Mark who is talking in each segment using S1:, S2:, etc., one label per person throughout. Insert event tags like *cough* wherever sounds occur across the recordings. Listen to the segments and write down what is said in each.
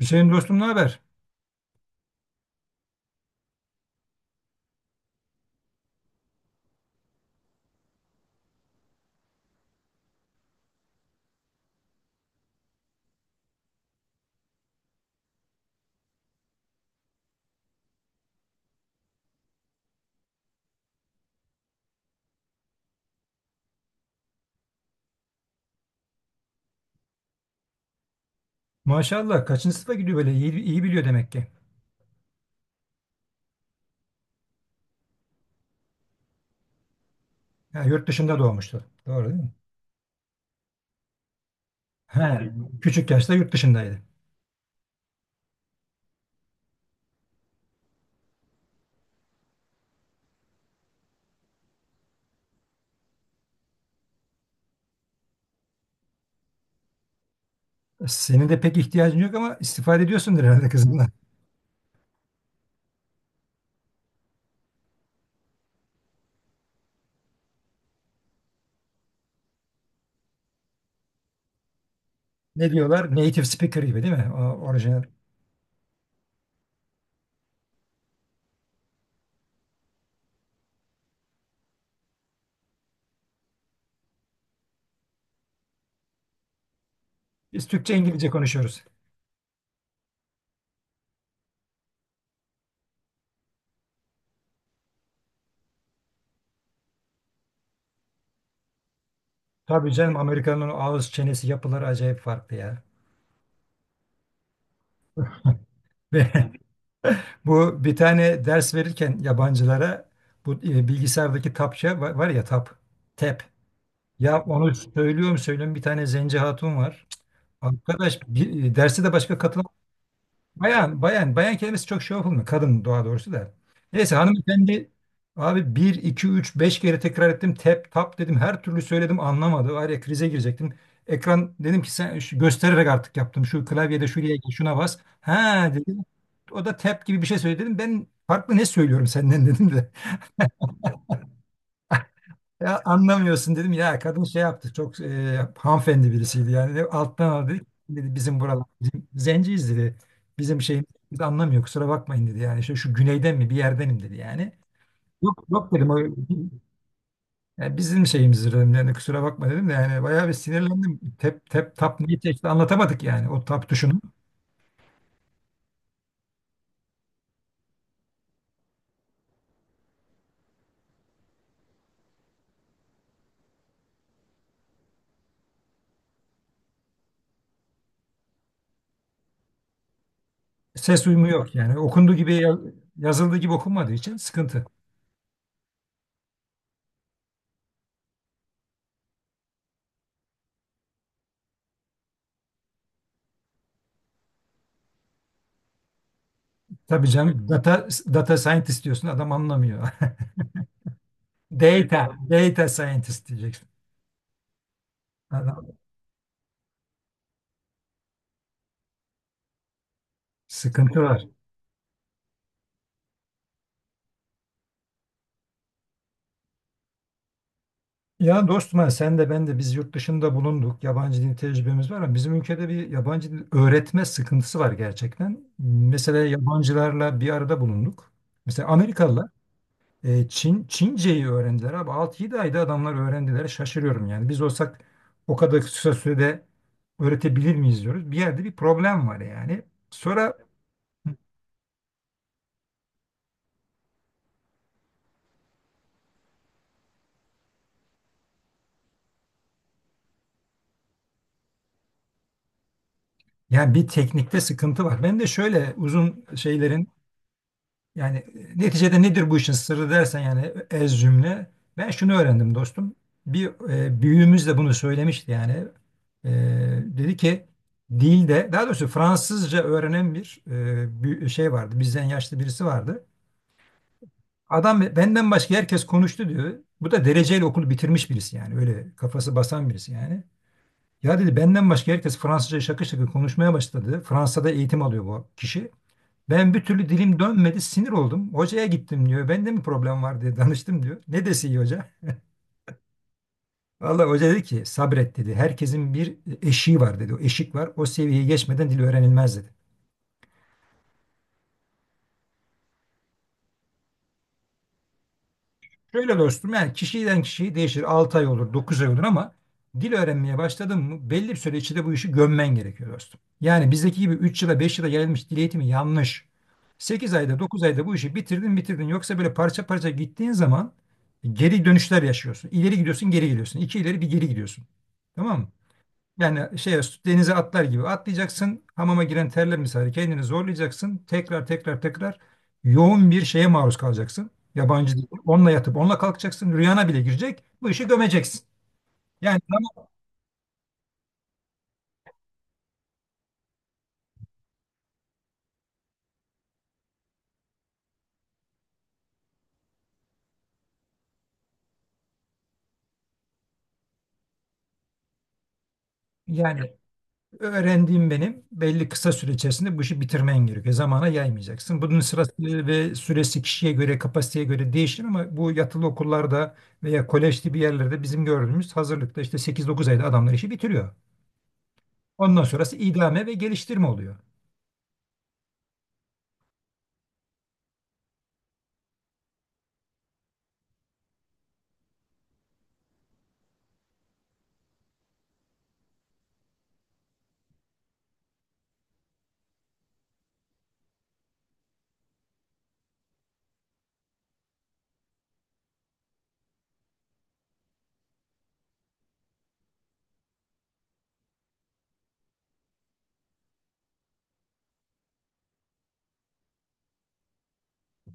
S1: Hüseyin dostum ne haber? Maşallah kaçıncı sınıfa gidiyor böyle iyi biliyor demek ki. Ha, yurt dışında doğmuştu. Doğru değil mi? Ha, küçük yaşta yurt dışındaydı. Senin de pek ihtiyacın yok ama istifade ediyorsundur herhalde kızımla. Ne diyorlar? Native speaker gibi değil mi? O, orijinal. Biz Türkçe İngilizce konuşuyoruz. Tabii canım Amerika'nın o ağız çenesi yapıları acayip farklı ya. Ve *laughs* bu bir tane ders verirken yabancılara bu bilgisayardaki var ya tap, tap. Ya onu söylüyorum söylüyorum bir tane zenci hatun var. Arkadaş derse de başka katılan bayan kelimesi çok şey yapılmıyor. Kadın doğrusu da. Neyse hanımefendi abi 1 2 3 5 kere tekrar ettim. Tep tap dedim. Her türlü söyledim anlamadı. Var ya krize girecektim. Ekran dedim ki göstererek artık yaptım. Şu klavyede şuraya gel, şuna bas. Ha dedim. O da tap gibi bir şey söyledi dedim. Ben farklı ne söylüyorum senden *laughs* dedim de. Ya anlamıyorsun dedim ya kadın şey yaptı çok hanımefendi birisiydi yani alttan aldı dedi, bizim buralar bizim zenciyiz dedi bizim şeyimiz biz anlamıyor kusura bakmayın dedi yani şu güneyden mi bir yerdenim dedi yani. Yok dedim o yani bizim şeyimizdir dedim yani kusura bakma dedim de yani bayağı bir sinirlendim tep niye çekti anlatamadık yani o tap tuşunun ses uyumu yok yani yazıldığı gibi okunmadığı için sıkıntı. Tabii canım data scientist diyorsun adam anlamıyor. *laughs* Data scientist diyeceksin. Adam, sıkıntı var. Ya dostum ha, sen de ben de biz yurt dışında bulunduk. Yabancı dil tecrübemiz var ama bizim ülkede bir yabancı dil öğretme sıkıntısı var gerçekten. Mesela yabancılarla bir arada bulunduk. Mesela Amerikalılar Çince'yi öğrendiler abi. 6 yedi ayda adamlar öğrendiler. Şaşırıyorum yani. Biz olsak o kadar kısa sürede öğretebilir miyiz diyoruz. Bir yerde bir problem var yani. Sonra yani bir teknikte sıkıntı var. Ben de şöyle uzun şeylerin. Yani neticede nedir bu işin sırrı dersen yani ez cümle. Ben şunu öğrendim dostum. Bir büyüğümüz de bunu söylemişti yani. E, Dedi ki dilde daha doğrusu Fransızca öğrenen bir şey vardı. Bizden yaşlı birisi vardı. Adam benden başka herkes konuştu diyor. Bu da dereceyle okulu bitirmiş birisi yani. Öyle kafası basan birisi yani. Ya dedi benden başka herkes Fransızca şakır şakır konuşmaya başladı. Fransa'da eğitim alıyor bu kişi. Ben bir türlü dilim dönmedi, sinir oldum. Hocaya gittim diyor. Bende mi problem var diye danıştım diyor. Ne dese iyi hoca? Vallahi hoca dedi ki sabret dedi. Herkesin bir eşiği var dedi. O eşik var. O seviyeyi geçmeden dil öğrenilmez dedi. Şöyle dostum yani kişiden kişiye değişir. 6 ay olur, 9 ay olur ama dil öğrenmeye başladın mı belli bir süre içinde bu işi gömmen gerekiyor dostum. Yani bizdeki gibi 3 yıla 5 yıla yayılmış dil eğitimi yanlış. 8 ayda 9 ayda bu işi bitirdin. Yoksa böyle parça parça gittiğin zaman geri dönüşler yaşıyorsun. İleri gidiyorsun geri gidiyorsun. İki ileri bir geri gidiyorsun. Tamam mı? Yani şey Denize atlar gibi atlayacaksın. Hamama giren terler misali kendini zorlayacaksın. Tekrar yoğun bir şeye maruz kalacaksın. Yabancı değil. Onunla yatıp onunla kalkacaksın. Rüyana bile girecek. Bu işi gömeceksin. Yani tamam, Yani öğrendiğim benim belli kısa süre içerisinde bu işi bitirmen gerekiyor. Zamana yaymayacaksın. Bunun sırası ve süresi kişiye göre, kapasiteye göre değişir ama bu yatılı okullarda veya kolej gibi yerlerde bizim gördüğümüz hazırlıkta işte 8-9 ayda adamlar işi bitiriyor. Ondan sonrası idame ve geliştirme oluyor.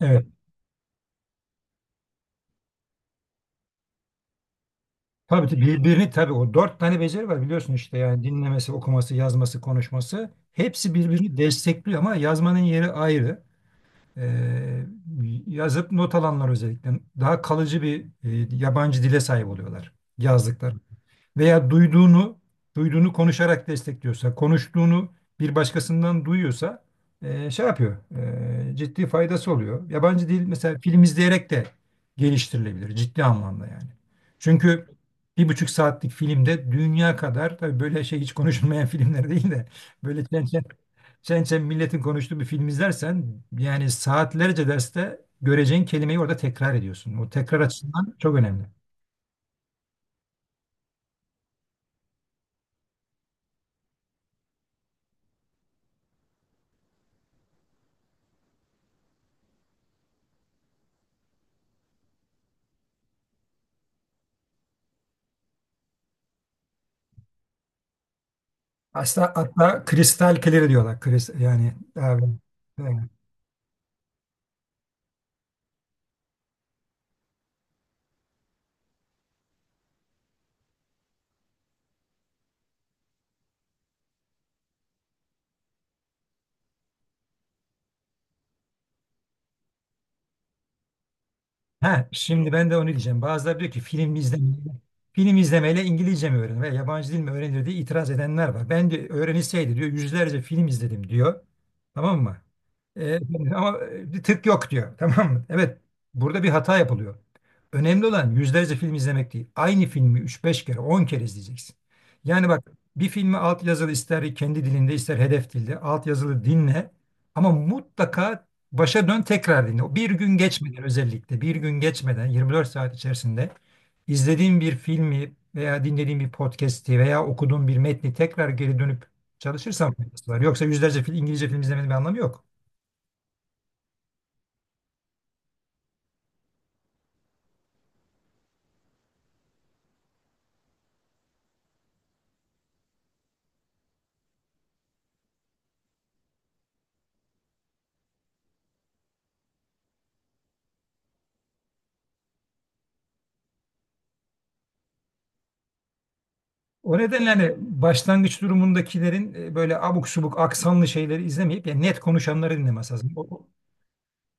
S1: Evet. Tabii ki birbirini tabii o dört tane beceri var biliyorsun işte yani dinlemesi, okuması, yazması, konuşması. Hepsi birbirini destekliyor ama yazmanın yeri ayrı. Ee, Yazıp not alanlar özellikle daha kalıcı bir yabancı dile sahip oluyorlar yazdıkları. Veya duyduğunu konuşarak destekliyorsa, konuştuğunu bir başkasından duyuyorsa şey yapıyor. Ciddi faydası oluyor. Yabancı dil mesela film izleyerek de geliştirilebilir ciddi anlamda yani. Çünkü bir buçuk saatlik filmde dünya kadar tabii böyle şey hiç konuşulmayan *laughs* filmler değil de böyle çen çen milletin konuştuğu bir film izlersen yani saatlerce derste göreceğin kelimeyi orada tekrar ediyorsun. O tekrar açısından çok önemli. Aslında hatta kristal kelleri diyorlar. Kris, yani abi. Ha, şimdi ben de onu diyeceğim. Bazıları diyor ki film izlemeyle İngilizce mi öğrenir veya yabancı dil mi öğrenir diye itiraz edenler var. Ben de öğrenilseydi diyor yüzlerce film izledim diyor. Tamam mı? Ee, *laughs* ama bir tık yok diyor. *laughs* Tamam mı? Evet, burada bir hata yapılıyor. Önemli olan yüzlerce film izlemek değil. Aynı filmi 3 5 kere 10 kere izleyeceksin. Yani bak bir filmi altyazılı ister kendi dilinde ister hedef dilde altyazılı dinle ama mutlaka başa dön tekrar dinle. Bir gün geçmeden özellikle bir gün geçmeden 24 saat içerisinde izlediğin bir filmi veya dinlediğin bir podcast'i veya okuduğun bir metni tekrar geri dönüp çalışırsan faydası var. Yoksa İngilizce film izlemenin bir anlamı yok. O nedenle hani başlangıç durumundakilerin böyle abuk subuk aksanlı şeyleri izlemeyip yani net konuşanları dinlemesi lazım.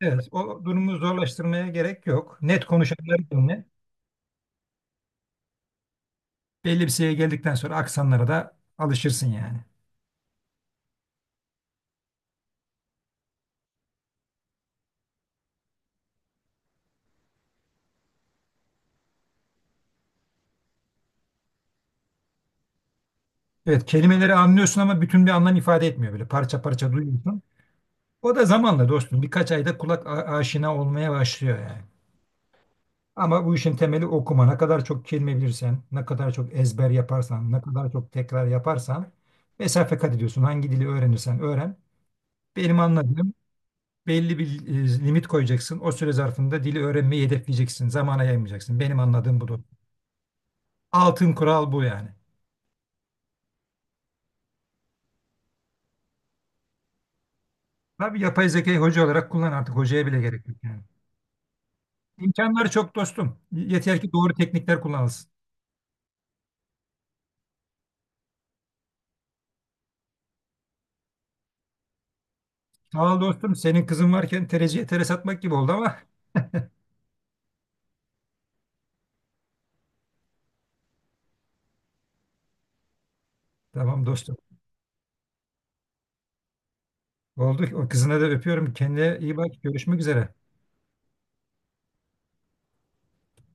S1: Evet, o durumu zorlaştırmaya gerek yok. Net konuşanları dinle. Belli bir seviyeye geldikten sonra aksanlara da alışırsın yani. Evet, kelimeleri anlıyorsun ama bütün bir anlam ifade etmiyor böyle parça parça duyuyorsun. O da zamanla dostum birkaç ayda aşina olmaya başlıyor yani. Ama bu işin temeli okuma. Ne kadar çok kelime bilirsen, ne kadar çok ezber yaparsan, ne kadar çok tekrar yaparsan mesafe kat ediyorsun. Hangi dili öğrenirsen öğren. Benim anladığım belli bir limit koyacaksın. O süre zarfında dili öğrenmeyi hedefleyeceksin. Zamana yaymayacaksın. Benim anladığım budur. Altın kural bu yani. Tabii yapay zekayı hoca olarak kullan artık. Hocaya bile gerek yok yani. İmkanları çok dostum. Yeter ki doğru teknikler kullanılsın. Sağ ol dostum. Senin kızın varken tereciye tere satmak gibi oldu ama. Tamam dostum. Oldu. O kızına da öpüyorum. Kendine iyi bak. Görüşmek üzere.